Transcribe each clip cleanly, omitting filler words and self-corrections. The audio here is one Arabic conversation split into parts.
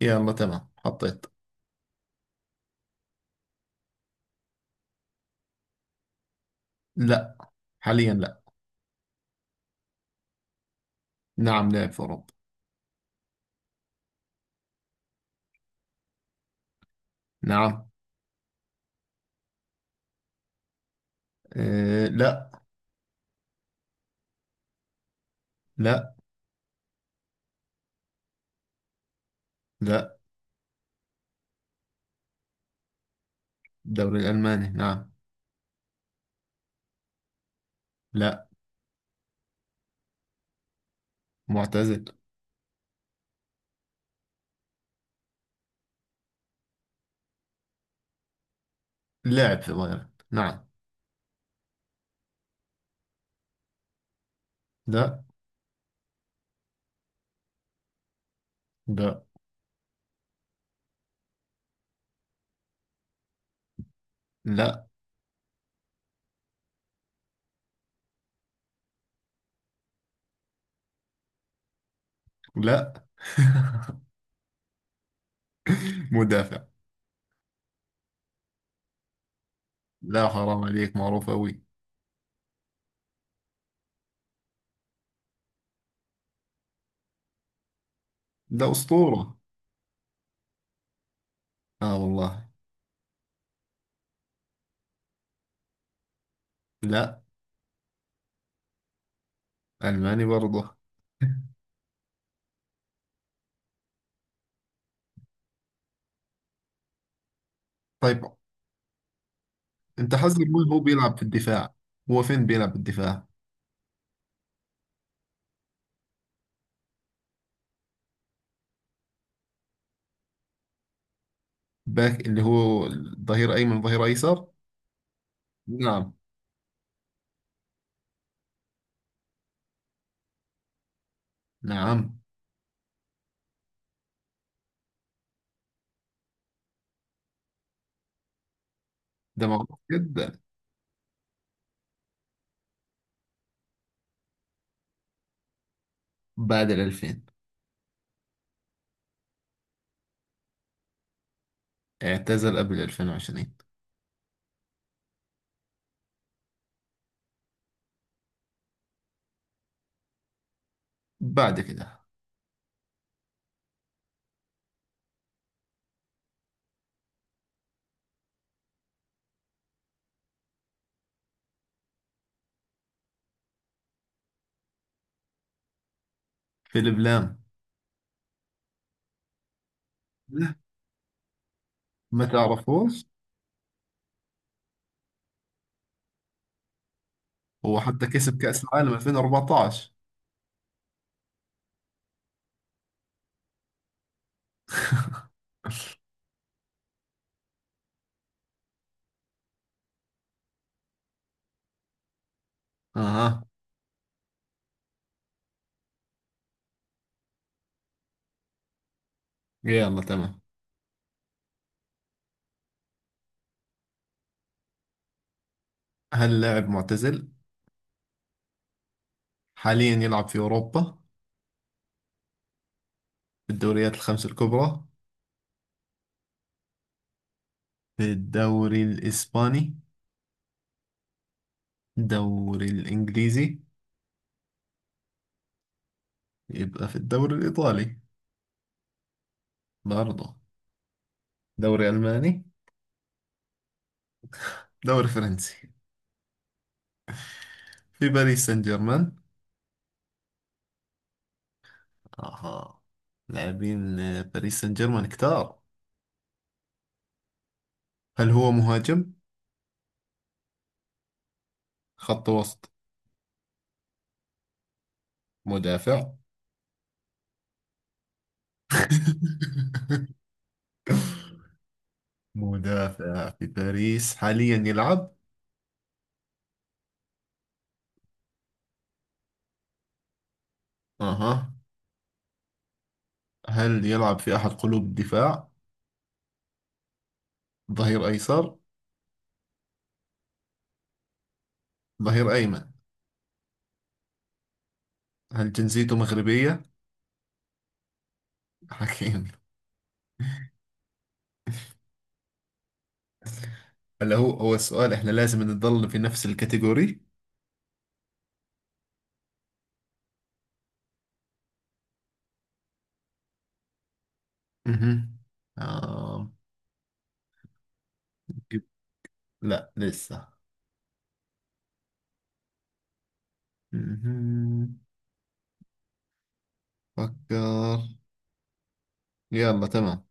يلا، تمام، حطيت. لا، حاليا لا. نعم، لعب في أوروبا. نعم. أه، لا. لا. لا. الدوري الألماني، نعم. لا. معتزل. لاعب في بايرن، نعم. لا. لا. لا. لا. مدافع. لا، حرام عليك، معروف أوي. لا، أسطورة. آه والله. لا. ألماني برضه. طيب، أنت حسب مين هو بيلعب في الدفاع؟ هو فين بيلعب في الدفاع؟ باك، اللي هو ظهير أيمن ظهير أيسر. نعم. نعم. ده معروف جدا. بعد ال 2000. اعتزل قبل 2020. بعد كده. فيليب لام. لا، ما تعرفوش. هو حتى كسب كأس العالم 2014. اها. يلا تمام. هل لاعب معتزل؟ حاليا يلعب في أوروبا؟ في الدوريات الخمس الكبرى؟ في الدوري الإسباني؟ الدوري الإنجليزي؟ يبقى في الدوري الإيطالي؟ برضه. دوري ألماني؟ دوري فرنسي؟ في باريس سان جيرمان. اها. لاعبين باريس سان جيرمان كتار. هل هو مهاجم؟ خط وسط؟ مدافع؟ مدافع في باريس حاليا يلعب. اها. هل يلعب في احد قلوب الدفاع؟ ظهير ايسر؟ ظهير ايمن؟ هل جنسيته مغربية؟ حكيم. هلا، هو هو السؤال احنا لازم نضل في نفس الكاتيجوري. اها. آه. لا، لسه. مهم. فكر. يلا تمام.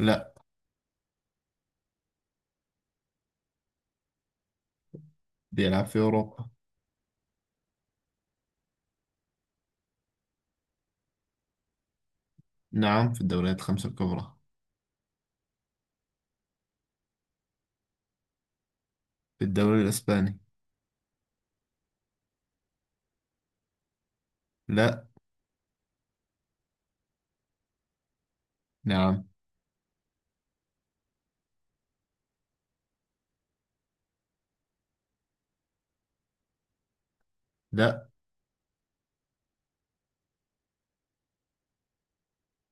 لا. بيلعب في أوروبا. نعم. في الدوريات الخمسة الكبرى. في الدوري الإسباني. لا. نعم. لا.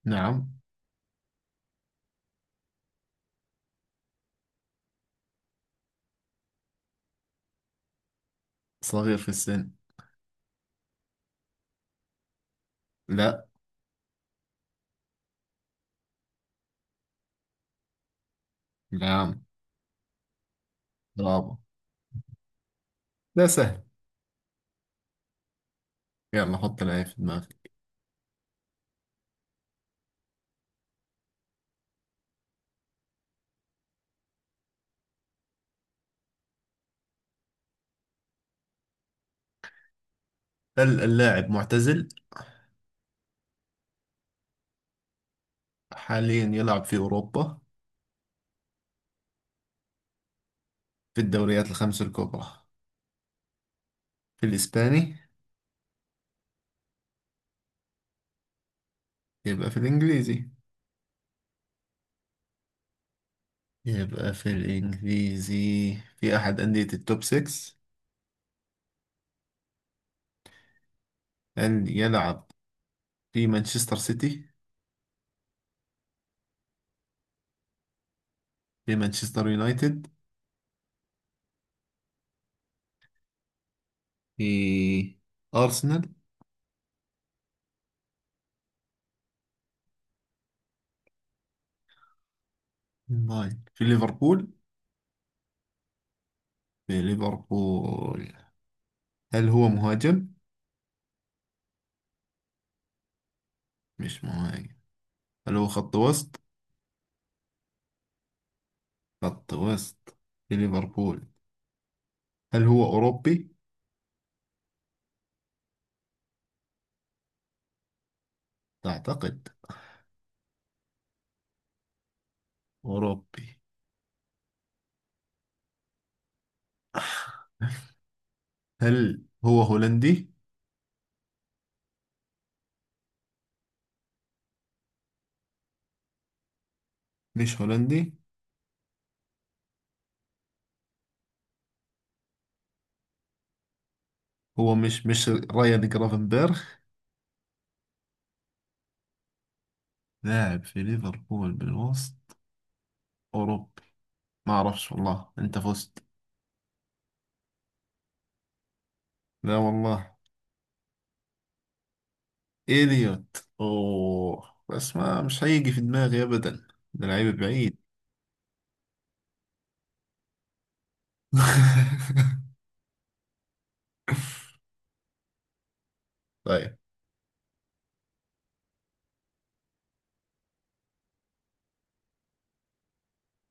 نعم، صغير في السن. لا. نعم. برافو. لا، سهل. يلا، حط العين في دماغك. هل اللاعب معتزل؟ حاليا يلعب في أوروبا؟ في الدوريات الخمسة الكبرى؟ في الإسباني؟ يبقى في الإنجليزي. يبقى في الإنجليزي في أحد أندية التوب 6. هل يلعب في مانشستر سيتي؟ في مانشستر يونايتد؟ في أرسنال؟ ناين في ليفربول. في ليفربول. هل هو مهاجم؟ مش مهاجم. هل هو خط وسط؟ خط وسط في ليفربول. هل هو أوروبي؟ أعتقد أوروبي. هل هو هولندي؟ مش هولندي. هو مش رايان جرافنبرغ. لاعب في ليفربول بالوسط، أوروبي. ما أعرفش والله، أنت فزت. لا والله. إليوت؟ أوه، بس ما مش هيجي في دماغي أبدا. ده لعيب بعيد. طيب.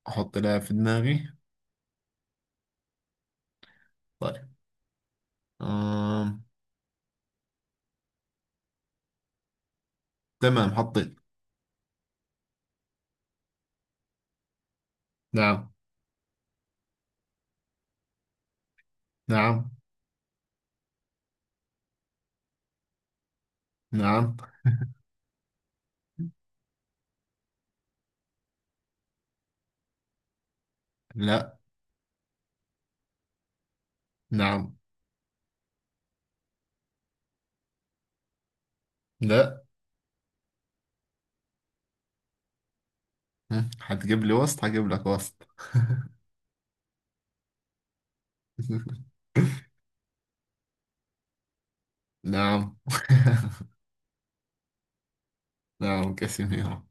أحط لاعب في دماغي. طيب. آم. تمام، حطيت. نعم. نعم. نعم. لا. نعم. لا. هم، هتجيب لي وسط هجيب لك وسط. نعم. نعم، كاسيميرو.